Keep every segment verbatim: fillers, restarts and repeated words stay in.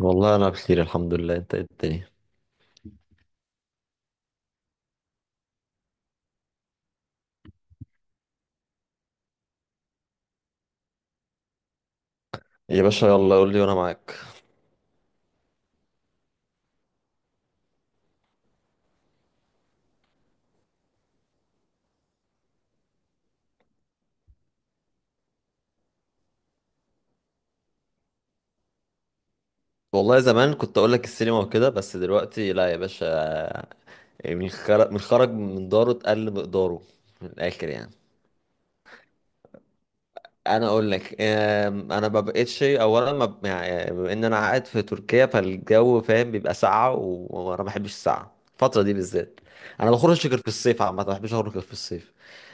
والله انا بخير الحمد لله. انت إيه الدنيا؟ يا باشا يلا قول لي وانا معاك. والله زمان كنت اقول لك السينما وكده، بس دلوقتي لا يا باشا. من خرج من خرج من داره اتقل مقداره. من الاخر يعني. انا اقول لك، آم، انا ما بقتش، اولا ما ب- يعني بما ان انا قاعد في تركيا فالجو فاهم بيبقى ساقعه و- وانا ما بحبش الساقعه الفتره دي بالذات. انا ما بخرجش غير في الصيف، عامه ما بحبش اخرج غير في الصيف.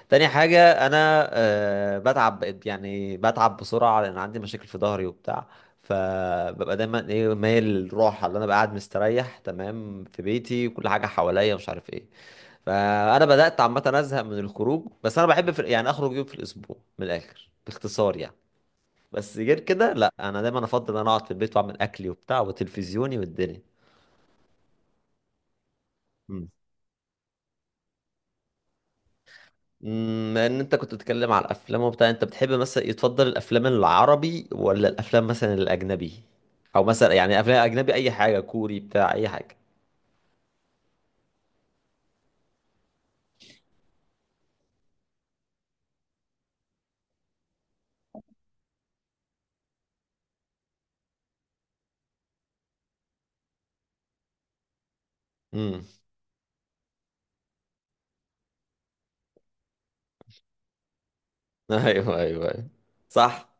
تاني حاجه انا آه، بتعب، بقيت يعني بتعب بسرعه لان عندي مشاكل في ظهري وبتاع. فببقى دايما ايه، مايل للراحه، اللي انا بقى قاعد مستريح تمام في بيتي وكل حاجه حواليا مش عارف ايه. فانا بدات عامه ازهق من الخروج، بس انا بحب في... يعني اخرج يوم في الاسبوع، من الاخر باختصار يعني. بس غير كده لا، انا دايما افضل ان انا اقعد في البيت واعمل اكلي وبتاع وتلفزيوني والدنيا. مم. امم، ان انت كنت بتتكلم على الافلام وبتاع، انت بتحب مثلا يتفضل الافلام العربي ولا الافلام مثلا الاجنبي؟ او مثلا يعني افلام اجنبي اي حاجه، كوري بتاع اي حاجه. امم. ايوه ايوه ايوه. صح.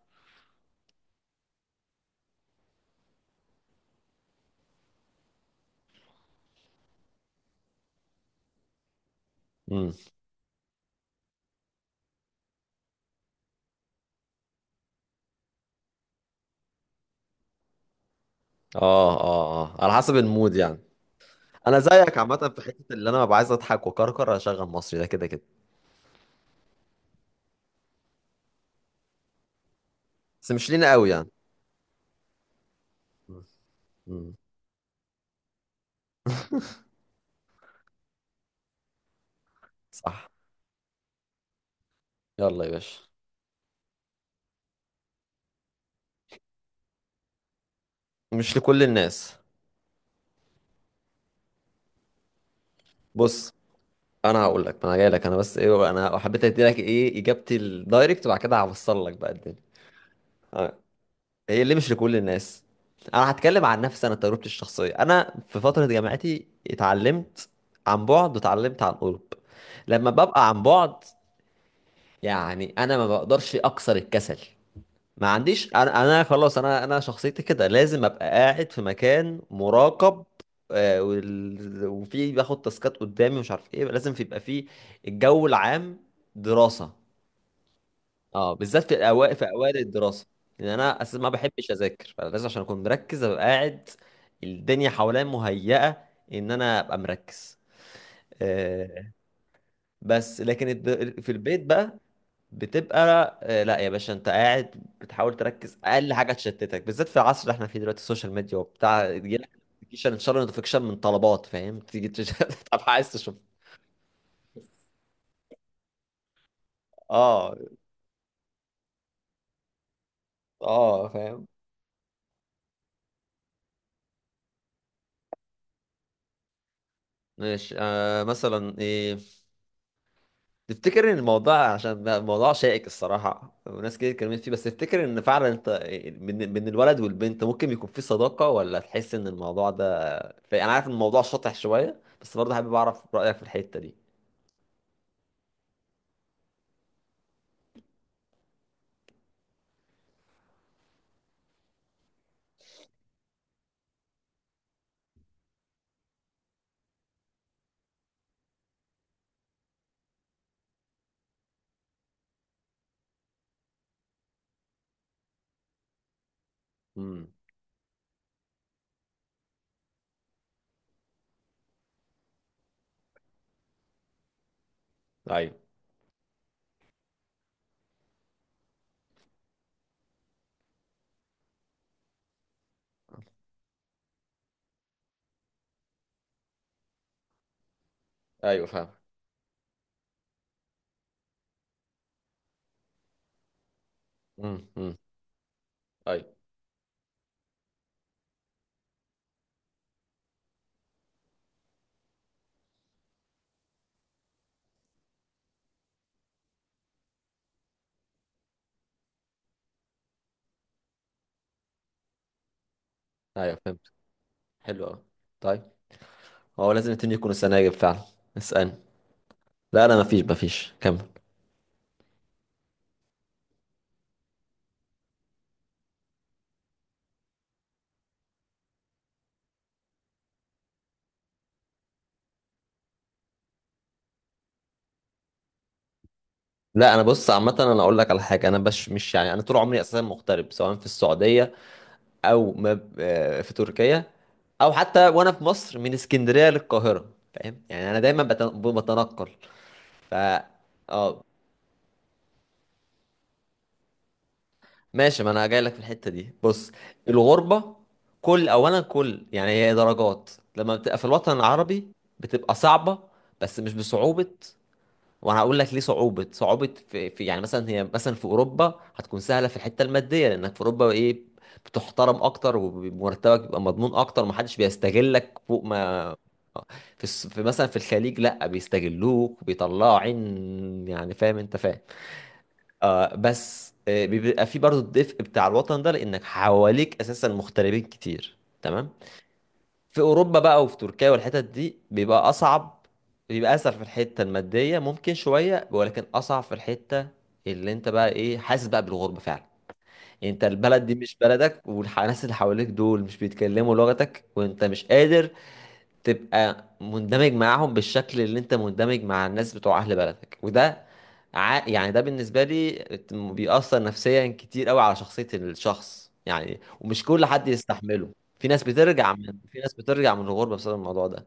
امم. اه اه اه، على حسب المود يعني. انا زيك عامه، في حته اللي انا ببقى عايز اضحك وكركر اشغل مصري، ده كده كده. بس مش لينا قوي يعني. مم. مم. صح. يلا يا باشا. مش لكل الناس. بص انا هقول لك، انا جاي لك انا، بس ايه انا حبيت ادي لك ايه اجابتي الدايركت، وبعد كده هوصل لك بقى الدنيا. آه. هي ليه مش لكل الناس؟ انا هتكلم عن نفسي، انا تجربتي الشخصيه، انا في فتره جامعتي اتعلمت عن بعد واتعلمت عن قرب. لما ببقى عن بعد، يعني انا ما بقدرش اكسر الكسل. ما عنديش انا، انا خلاص انا انا شخصيتي كده لازم ابقى قاعد في مكان مراقب، آه، وال- وفي باخد تاسكات قدامي مش عارف ايه، لازم في يبقى في الجو العام دراسة. اه، بالذات في الاوائل، في اوائل الدراسة. لان انا اساسا ما بحبش اذاكر، فلازم عشان اكون مركز ابقى قاعد الدنيا حواليا مهيئة ان انا ابقى مركز. آه، بس لكن الد- في البيت بقى بتبقى، آه، لا يا باشا، انت قاعد بتحاول تركز، اقل حاجه تشتتك، بالذات في العصر اللي احنا فيه دلوقتي، السوشيال ميديا وبتاع، يجيلك نوتيفيكيشن ان شاء الله نوتيفيكيشن من طلبات فاهم، تيجي تش- طب عايز تشوف. اه. اه فاهم. ماشي. آه مثلا ايه، تفتكر ان الموضوع، عشان بقى الموضوع شائك الصراحه وناس كتير اتكلمت فيه، بس تفتكر ان فعلا انت من من الولد والبنت ممكن يكون في صداقه، ولا تحس ان الموضوع ده في... انا عارف ان الموضوع شاطح شويه، بس برضه حابب اعرف رايك في الحته دي. امم. ايوه ايوه فاهم. امم امم. ايوه ايوه فهمت. حلو قوي. طيب، هو لازم الاتنين يكونوا سناجب فعلا؟ اسالني. لا انا مفيش مفيش كمل. لا انا بص عامه، انا اقول لك على حاجه، انا بش مش يعني، انا طول عمري اساسا مغترب، سواء في السعوديه او ما ب- آه، في تركيا، او حتى وانا في مصر من اسكندريه للقاهره فاهم، يعني انا دايما بت- بتنقل. فا اه، ماشي، ما انا جاي لك في الحته دي بص. الغربه، كل اولا كل يعني هي درجات. لما بتبقى في الوطن العربي بتبقى صعبه، بس مش بصعوبه. وانا هقول لك ليه. صعوبه صعوبه في, في يعني مثلا، هي مثلا في اوروبا هتكون سهله في الحته الماديه، لانك في اوروبا ايه، بتحترم اكتر، ومرتبك بيبقى مضمون اكتر، محدش بيستغلك فوق ما آه. في, الس- في مثلا في الخليج لا، بيستغلوك بيطلعوا عين يعني فاهم انت فاهم. آه، بس آه بيبقى في برضو الدفء بتاع الوطن ده، لانك حواليك اساسا مغتربين كتير تمام. في اوروبا بقى وفي تركيا والحتت دي بيبقى اصعب، بيبقى اسهل في الحته الماديه ممكن شويه، ولكن اصعب في الحته اللي انت بقى ايه، حاسس بقى بالغربه فعلا. يعني انت البلد دي مش بلدك، والناس اللي حواليك دول مش بيتكلموا لغتك، وانت مش قادر تبقى مندمج معاهم بالشكل اللي انت مندمج مع الناس بتوع اهل بلدك. وده ع... يعني ده بالنسبة لي بيأثر نفسيا كتير قوي على شخصية الشخص يعني، ومش كل حد يستحمله. في ناس بترجع من في ناس بترجع من الغربة بسبب الموضوع ده.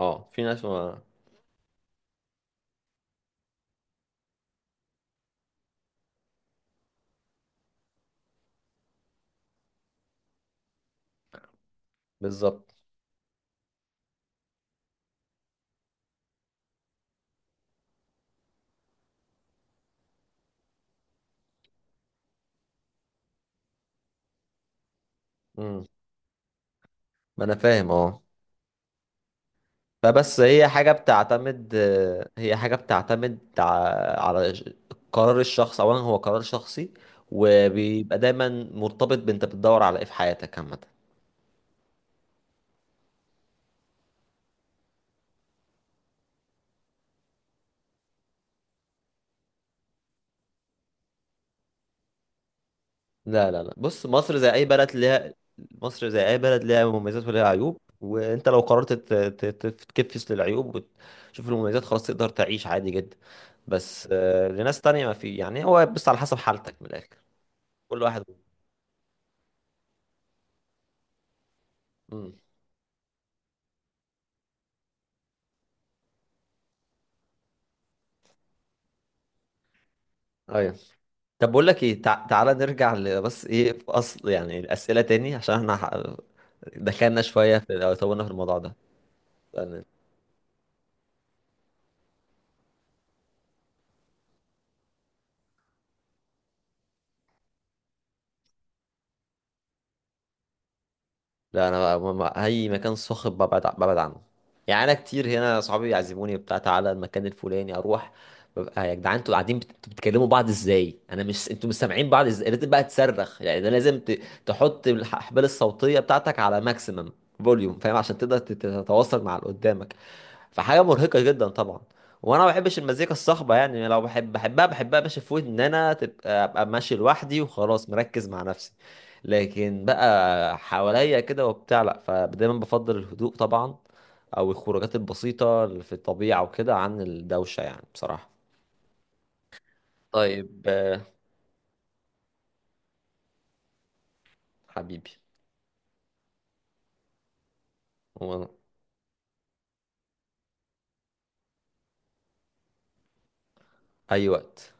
اه في ناس ما... بالظبط. امم. ما انا فاهم اه. فبس هي حاجة بتعتمد، هي حاجة بتعتمد ع- على ش- قرار الشخص، أولا هو قرار شخصي، وبيبقى دايما مرتبط بأنت بتدور على إيه في حياتك عامة. لا لا لا بص، مصر زي أي بلد ليها، مصر زي أي بلد ليها مميزات وليها عيوب، وأنت لو قررت ت- ت- ت- تتكفس للعيوب وتشوف المميزات خلاص، تقدر تعيش عادي جدا. بس آه، لناس تانية ما في يعني، هو بس على حسب حالتك من الآخر، كل واحد. مم. أيوه. طب بقول لك ايه، تع... تعالى نرجع ل- بس ايه في اصل يعني الاسئله تاني، عشان احنا ح- دخلنا شويه في او طولنا في الموضوع ده يعني. لا انا بقى- م- م- اي مكان صاخب ببعد ع- ببعد عنه. يعني انا كتير هنا صحابي يعزموني بتاع تعالى المكان الفلاني اروح، ببقى يا جدعان انتوا قاعدين بت... انتوا بتكلموا بعض ازاي، انا مش، انتوا مش سامعين بعض ازاي، لازم بقى تصرخ يعني، ده لازم ت... تحط الاحبال الصوتيه بتاعتك على ماكسيمم فوليوم فاهم، عشان تقدر تت- تتواصل مع اللي قدامك. فحاجه مرهقه جدا طبعا. وانا ما بحبش المزيكا الصاخبه يعني، لو بحب بحبها، بحبها باش في ودني ان انا تبقى ابقى ماشي لوحدي وخلاص مركز مع نفسي، لكن بقى حواليا كده وبتاع لا. فدايما بفضل الهدوء طبعا، او الخروجات البسيطه اللي في الطبيعه وكده، عن الدوشه يعني بصراحه. طيب آه، حبيبي. وانا اي وقت.